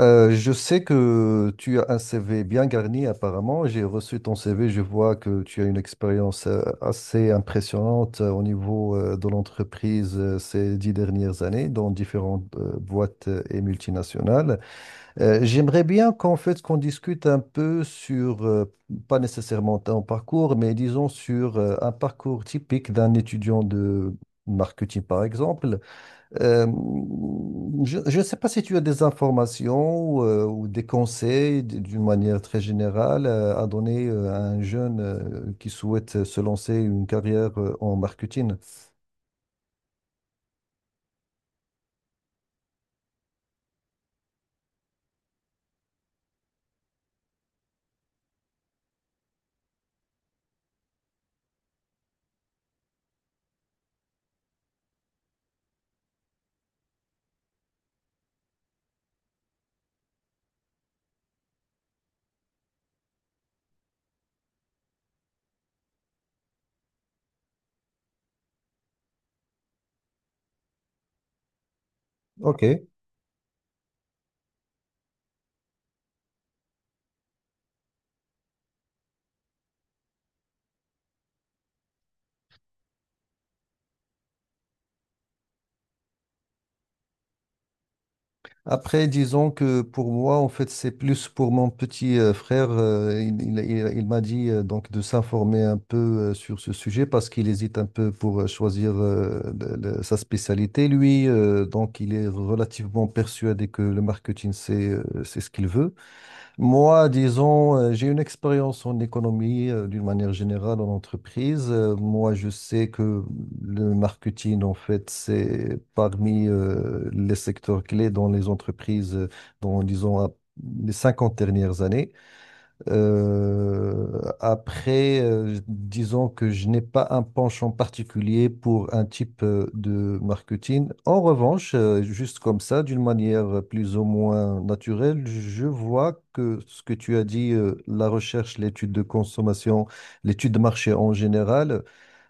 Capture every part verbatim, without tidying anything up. Euh, je sais que tu as un C V bien garni apparemment. J'ai reçu ton C V. Je vois que tu as une expérience euh, assez impressionnante euh, au niveau euh, de l'entreprise euh, ces dix dernières années dans différentes euh, boîtes euh, et multinationales. Euh, j'aimerais bien qu'en fait qu'on discute un peu sur, euh, pas nécessairement ton parcours, mais disons sur euh, un parcours typique d'un étudiant de marketing par exemple. Euh, je je ne sais pas si tu as des informations euh, ou des conseils d- d'une manière très générale euh, à donner euh, à un jeune euh, qui souhaite se lancer une carrière euh, en marketing. Ok. Après, disons que pour moi, en fait, c'est plus pour mon petit euh, frère. euh, il il- il- il m'a dit euh, donc de s'informer un peu euh, sur ce sujet parce qu'il hésite un peu pour euh, choisir euh, le- le- sa spécialité. Lui, euh, donc, il est relativement persuadé que le marketing, c'est euh, c'est ce qu'il veut. Moi, disons, euh, j'ai une expérience en économie euh, d'une manière générale en entreprise. Euh, moi, je sais que le marketing, en fait, c'est parmi euh, les secteurs clés dans les entreprises, euh, dans, disons, à- les cinquante dernières années. Euh, après, euh, Disons que je n'ai pas un penchant particulier pour un type euh, de marketing. En revanche, euh, juste comme ça, d'une manière plus ou moins naturelle, je vois que ce que tu as dit, euh, la recherche, l'étude de consommation, l'étude de marché en général,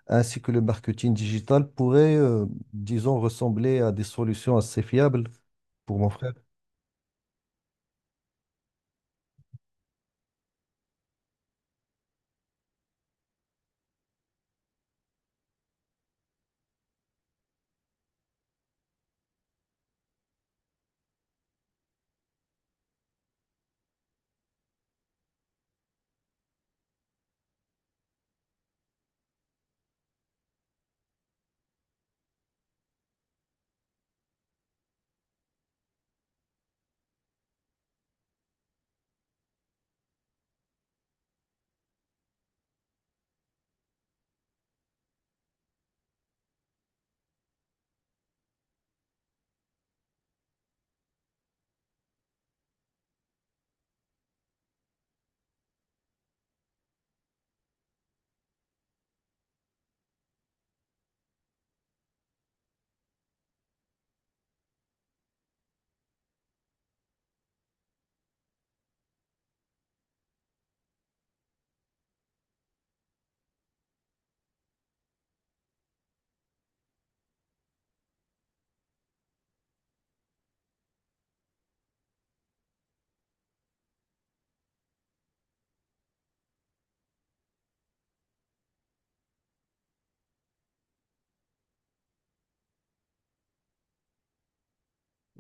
ainsi que le marketing digital pourraient, euh, disons, ressembler à des solutions assez fiables pour mon frère.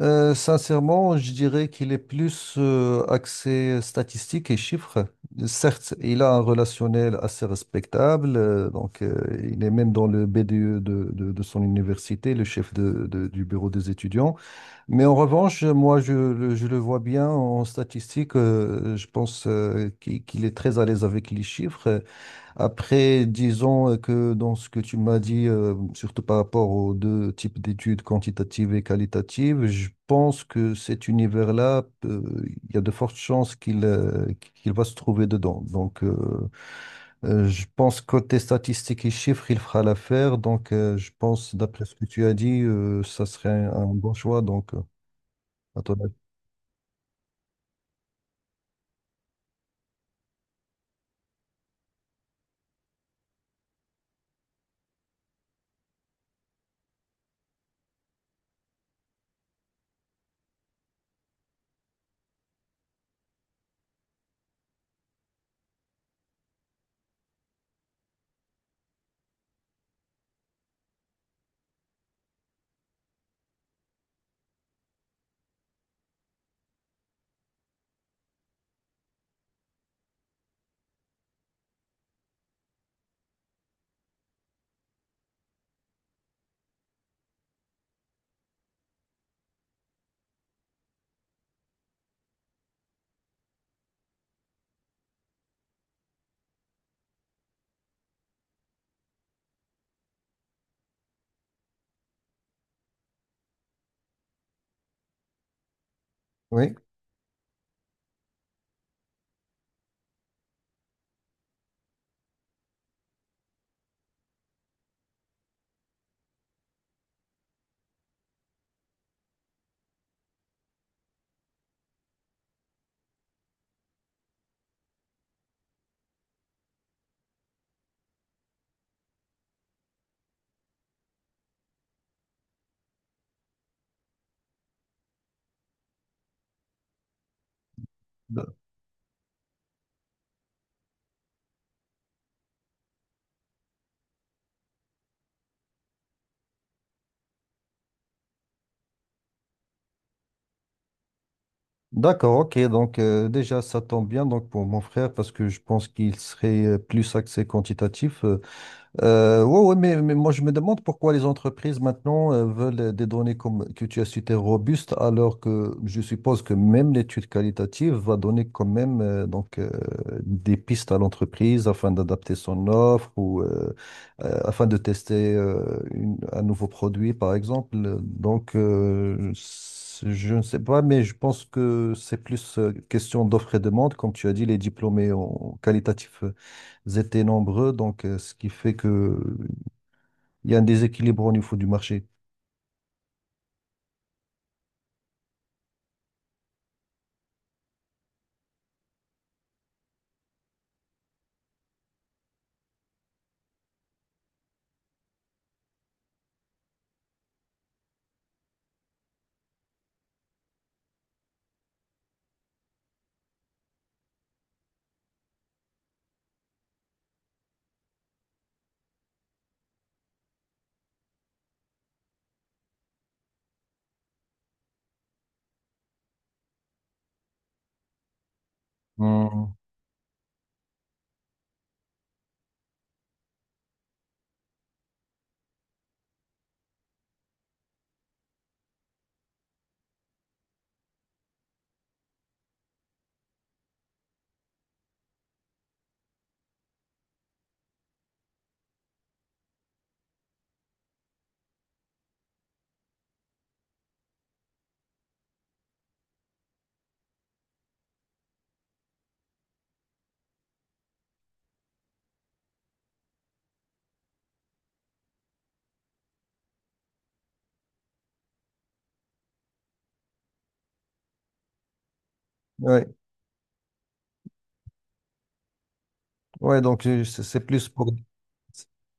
Euh, sincèrement, je dirais qu'il est plus euh, axé statistiques et chiffres. Certes, il a un relationnel assez respectable, euh, donc euh, il est même dans le B D E de, de- de son université, le chef de- de- du bureau des étudiants. Mais en revanche, moi, je, le je le vois bien en statistiques. Euh, je pense euh, qu'il qu'il est très à l'aise avec les chiffres. Après, disons que dans ce que tu m'as dit, euh, surtout par rapport aux deux types d'études, quantitatives et qualitatives, je pense que cet univers-là, euh, il y a de fortes chances qu'il euh, qu'il va se trouver dedans. Donc, euh, euh, je pense côté statistiques et chiffres, il fera l'affaire. Donc, euh, je pense, d'après ce que tu as dit, euh, ça serait un, un bon choix. Donc, euh, à ton avis. Oui. Bah, d'accord, ok. Donc euh, déjà, ça tombe bien donc pour mon frère parce que je pense qu'il serait euh, plus axé quantitatif. euh, Euh, ouais, ouais, mais, mais moi je me demande pourquoi les entreprises maintenant euh, veulent des données comme que tu as citées robustes, alors que je suppose que même l'étude qualitative va donner quand même euh, donc euh, des pistes à l'entreprise afin d'adapter son offre ou euh, euh, afin de tester euh, une- un nouveau produit par exemple. Donc euh, c'est- je ne sais pas, mais je pense que c'est plus euh, question d'offre et demande, comme tu as dit, les diplômés en qualitatif étaient nombreux, donc euh, ce qui fait que il y a un déséquilibre au niveau du marché. Hmm. Ouais, ouais, donc euh, c'est c'est plus pour...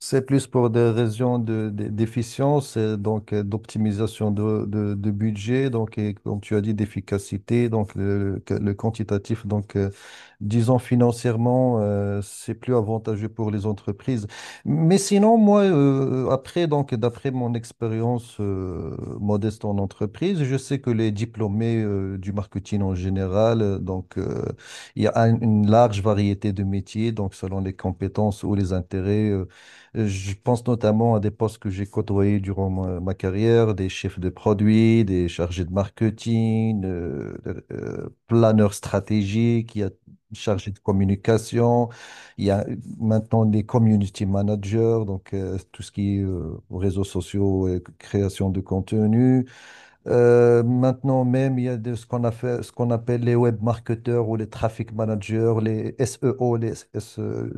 C'est plus pour des raisons de, de- d'efficience, euh, donc euh, d'optimisation de, de, de budget, donc et comme tu as dit, d'efficacité, donc le, que- le quantitatif. Donc, euh, disons financièrement, euh, c'est plus avantageux pour les entreprises. Mais sinon, moi, euh, euh, après, donc d'après mon expérience euh, modeste en entreprise, je sais que les diplômés euh, du marketing en général, euh, donc euh, il y a un- une large variété de métiers, donc selon les compétences ou les intérêts. euh, euh, Je pense notamment à des postes que j'ai côtoyés durant ma, ma carrière, des chefs de produits, des chargés de marketing, euh, euh, planeurs stratégiques, il y a chargés de communication, il y a maintenant des community managers, donc euh, tout ce qui est euh, réseaux sociaux et création de contenu. Euh, maintenant même, il y a de, ce qu'on a fait, ce qu'on appelle les web marketeurs ou les traffic managers, les es e o, les S E,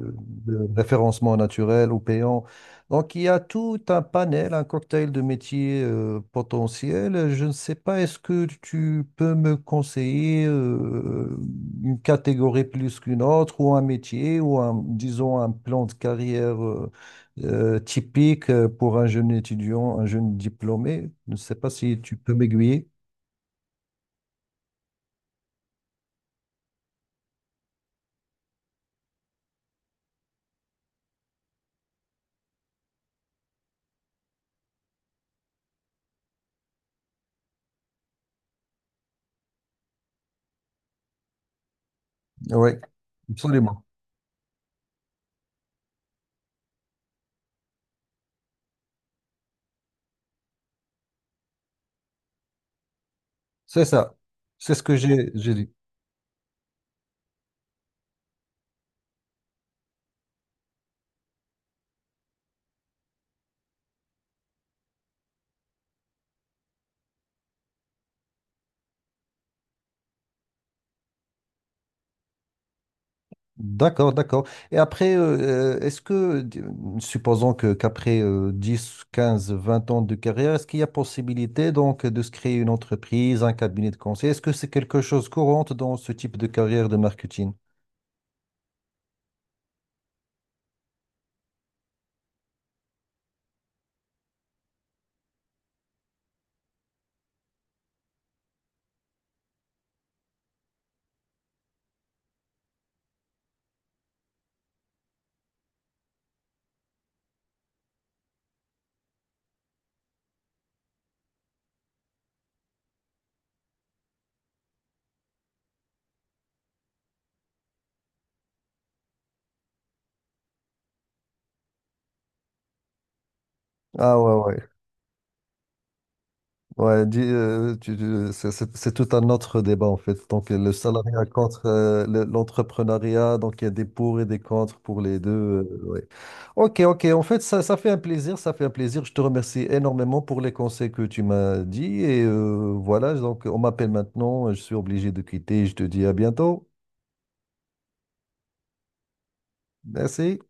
le référencement naturel ou payant. Donc, il y a tout un panel, un cocktail de métiers euh, potentiels. Je ne sais pas, est-ce que tu peux me conseiller euh, une catégorie plus qu'une autre ou un métier ou un, disons, un plan de carrière euh, euh, typique euh, pour un jeune étudiant, un jeune diplômé. Je ne sais pas si tu peux m'aiguiller. Oui, absolument. C'est ça. C'est ce que j'ai j'ai dit. D'accord, d'accord. Et après, euh, euh, est-ce que, d- supposons que qu'après euh, dix, quinze, vingt ans de carrière, est-ce qu'il y a possibilité donc de se créer une entreprise, un cabinet de conseil? Est-ce que c'est quelque chose courante dans ce type de carrière de marketing? Ah ouais. Ouais, dis, euh, tu- tu- c'est c'est- c'est tout un autre débat en fait. Donc le salariat contre euh, le- l'entrepreneuriat, donc il y a des pour et des contre pour les deux. Euh, ouais. Ok, ok. En fait, ça, ça fait un plaisir, ça fait un plaisir. Je te remercie énormément pour les conseils que tu m'as dit et euh, voilà. Donc on m'appelle maintenant, je suis obligé de quitter. Je te dis à bientôt. Merci.